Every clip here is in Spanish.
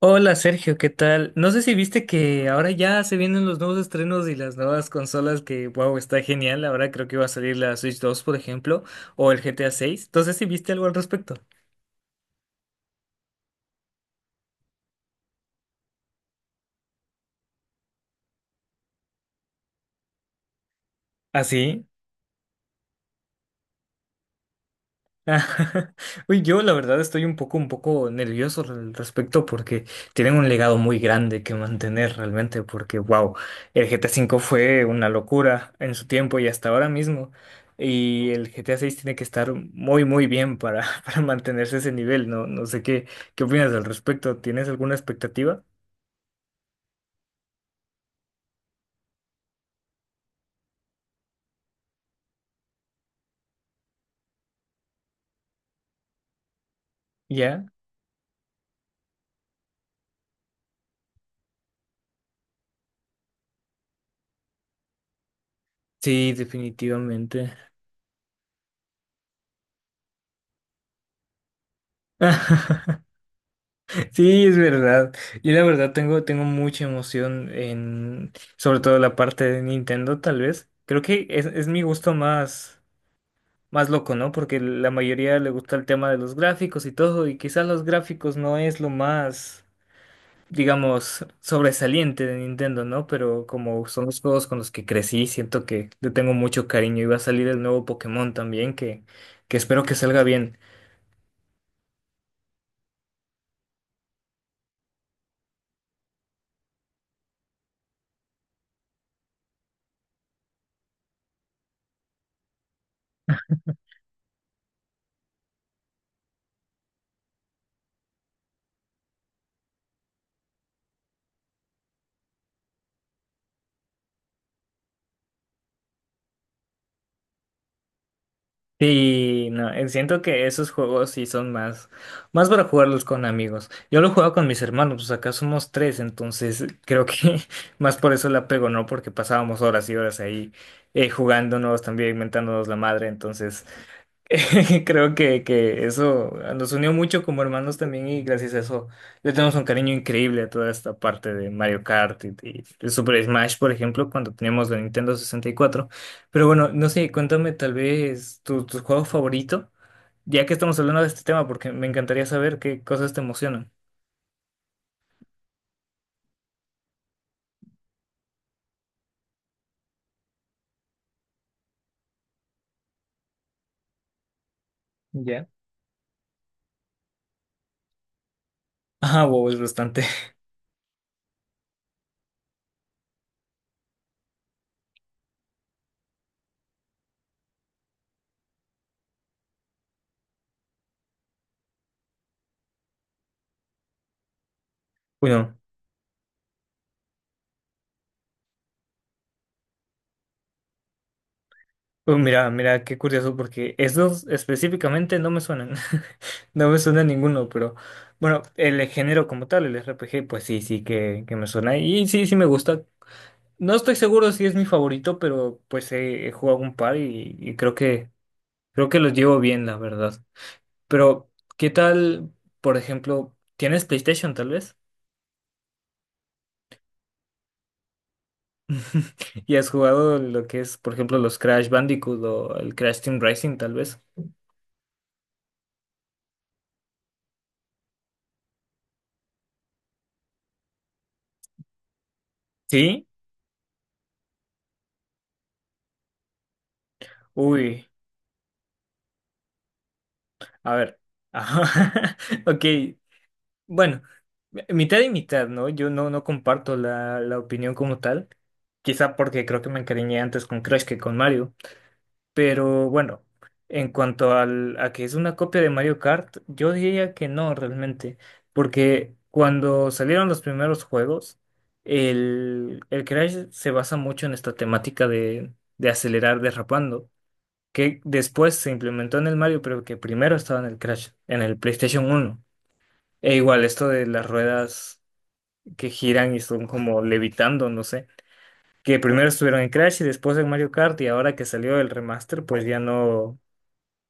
Hola Sergio, ¿qué tal? No sé si viste que ahora ya se vienen los nuevos estrenos y las nuevas consolas que, wow, está genial. Ahora creo que va a salir la Switch dos, por ejemplo, o el GTA seis. Entonces, ¿si viste algo al respecto? ¿Así? Uy, yo la verdad estoy un poco nervioso al respecto porque tienen un legado muy grande que mantener realmente porque, wow, el GTA V fue una locura en su tiempo y hasta ahora mismo. Y el GTA VI tiene que estar muy, muy bien para, para mantenerse ese nivel, ¿no? No sé qué opinas al respecto. ¿Tienes alguna expectativa? ¿Ya? Sí, definitivamente. Sí, es verdad. Yo la verdad tengo mucha emoción en, sobre todo la parte de Nintendo, tal vez. Creo que es mi gusto más, más loco, ¿no? Porque la mayoría le gusta el tema de los gráficos y todo, y quizás los gráficos no es lo más, digamos, sobresaliente de Nintendo, ¿no? Pero como son los juegos con los que crecí, siento que le tengo mucho cariño. Y va a salir el nuevo Pokémon también, que espero que salga bien. Sí, no, siento que esos juegos sí son más, más para jugarlos con amigos. Yo lo juego con mis hermanos, pues acá somos tres, entonces creo que más por eso la pego, ¿no? Porque pasábamos horas y horas ahí jugándonos, también inventándonos la madre, entonces creo que eso nos unió mucho como hermanos también y gracias a eso le tenemos un cariño increíble a toda esta parte de Mario Kart y de Super Smash, por ejemplo, cuando teníamos la Nintendo 64. Pero bueno, no sé, cuéntame tal vez tu juego favorito, ya que estamos hablando de este tema, porque me encantaría saber qué cosas te emocionan. Ya. Ah, wow, es bastante. Bueno. Mira, mira, qué curioso, porque esos específicamente no me suenan. No me suena ninguno, pero bueno, el género como tal, el RPG, pues sí, sí que me suena. Y sí, sí me gusta. No estoy seguro si es mi favorito, pero pues he, he jugado un par y creo que los llevo bien, la verdad. Pero, ¿qué tal, por ejemplo, tienes PlayStation tal vez? ¿Y has jugado lo que es, por ejemplo, los Crash Bandicoot o el Crash Team Racing tal vez? Sí. Uy. A ver. Ajá. Ok. Bueno, mitad y mitad, ¿no? Yo no, no comparto la, la opinión como tal. Quizá porque creo que me encariñé antes con Crash que con Mario. Pero bueno, en cuanto al, a que es una copia de Mario Kart, yo diría que no realmente. Porque cuando salieron los primeros juegos, el Crash se basa mucho en esta temática de acelerar derrapando que después se implementó en el Mario, pero que primero estaba en el Crash, en el PlayStation uno. E igual esto de las ruedas que giran y son como levitando, no sé, que primero estuvieron en Crash y después en Mario Kart y ahora que salió el remaster, pues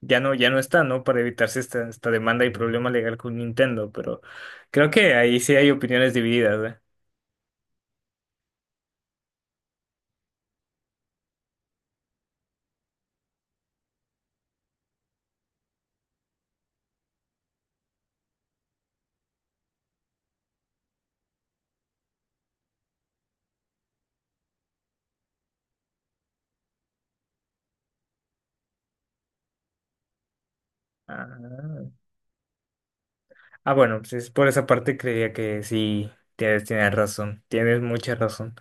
ya no, ya no está, ¿no? Para evitarse esta, esta demanda y problema legal con Nintendo, pero creo que ahí sí hay opiniones divididas, ¿eh? Ah, ah, bueno, pues por esa parte creía que sí, tienes razón, tienes mucha razón.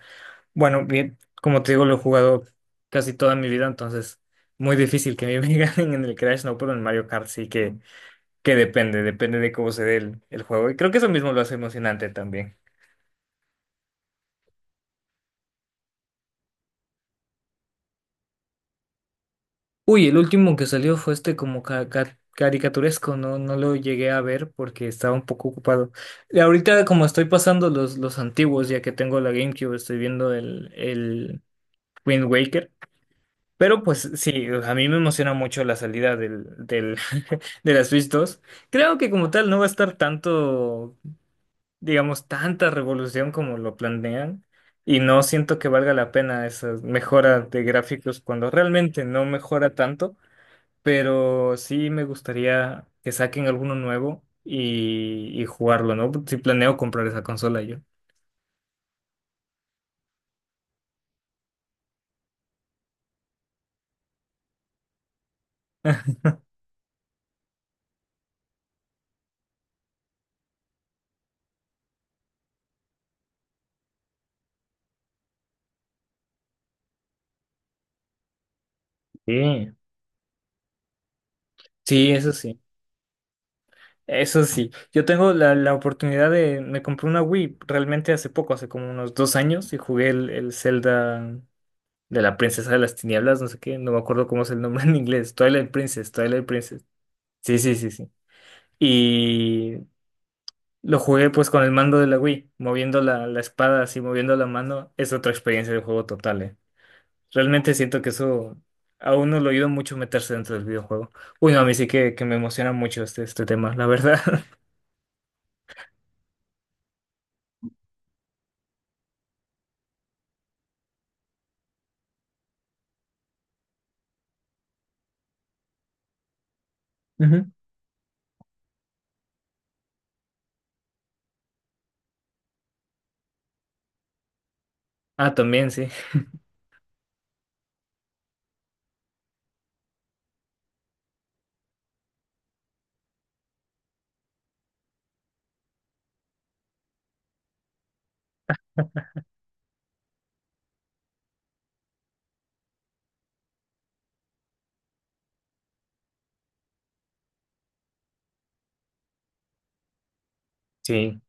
Bueno, bien, como te digo, lo he jugado casi toda mi vida, entonces muy difícil que me ganen en el Crash, no, pero en Mario Kart sí que depende, depende de cómo se dé el juego. Y creo que eso mismo lo hace emocionante también. Uy, el último que salió fue este como caricaturesco, no, no lo llegué a ver porque estaba un poco ocupado. Y ahorita como estoy pasando los antiguos, ya que tengo la GameCube, estoy viendo el Wind Waker. Pero pues sí, a mí me emociona mucho la salida de la Switch 2. Creo que como tal no va a estar tanto, digamos, tanta revolución como lo planean. Y no siento que valga la pena esa mejora de gráficos cuando realmente no mejora tanto. Pero sí me gustaría que saquen alguno nuevo y jugarlo, ¿no? Si planeo comprar esa consola yo. Sí. Sí, eso sí. Eso sí, yo tengo la, la oportunidad de, me compré una Wii realmente hace poco, hace como unos dos años, y jugué el Zelda de la Princesa de las Tinieblas, no sé qué, no me acuerdo cómo es el nombre en inglés, Twilight Princess, Twilight Princess. Sí, sí, sí, sí. Y lo jugué pues con el mando de la Wii, moviendo la, la espada, así moviendo la mano, es otra experiencia de juego total, eh. Realmente siento que eso a uno lo ayuda mucho meterse dentro del videojuego. Uy, no, a mí sí que me emociona mucho este, este tema, la verdad. Ujú. Ah, también, sí. Sí,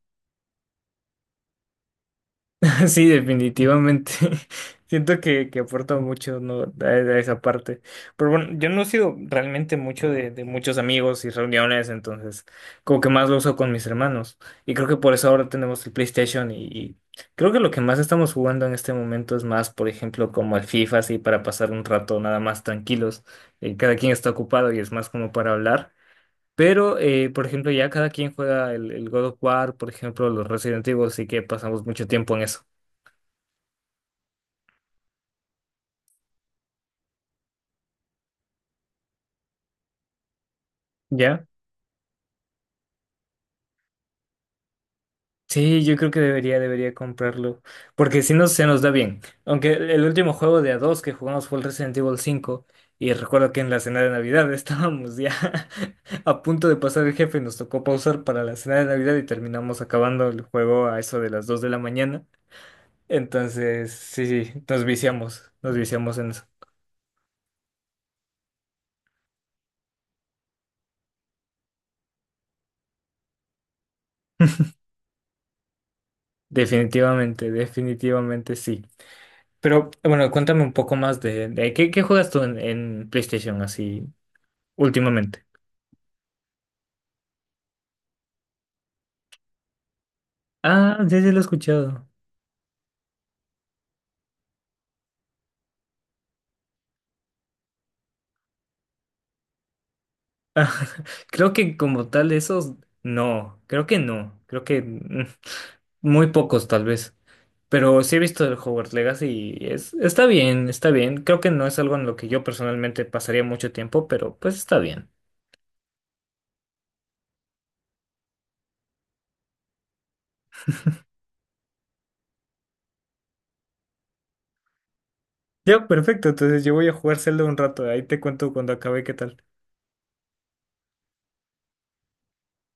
sí, definitivamente. Siento que aporta mucho, ¿no?, a esa parte. Pero bueno, yo no he sido realmente mucho de muchos amigos y reuniones, entonces como que más lo uso con mis hermanos. Y creo que por eso ahora tenemos el PlayStation y creo que lo que más estamos jugando en este momento es más, por ejemplo, como el FIFA, así para pasar un rato nada más tranquilos. Cada quien está ocupado y es más como para hablar. Pero, por ejemplo, ya cada quien juega el God of War, por ejemplo, los Resident Evil, así que pasamos mucho tiempo en eso. ¿Ya? Sí, yo creo que debería, debería comprarlo. Porque si no, se nos da bien. Aunque el último juego de a dos que jugamos fue el Resident Evil 5. Y recuerdo que en la cena de Navidad estábamos ya a punto de pasar el jefe. Nos tocó pausar para la cena de Navidad y terminamos acabando el juego a eso de las 2 de la mañana. Entonces, sí, sí, nos viciamos. Nos viciamos en eso. Definitivamente, definitivamente sí. Pero bueno, cuéntame un poco más de ¿qué, qué juegas tú en PlayStation así últimamente? Ah, ya, ya lo he escuchado. Ah, creo que como tal esos, no, creo que no, creo que muy pocos tal vez. Pero sí he visto el Hogwarts Legacy y es, está bien, está bien. Creo que no es algo en lo que yo personalmente pasaría mucho tiempo, pero pues está bien. Ya, perfecto, entonces yo voy a jugar Zelda un rato, ahí te cuento cuando acabe qué tal.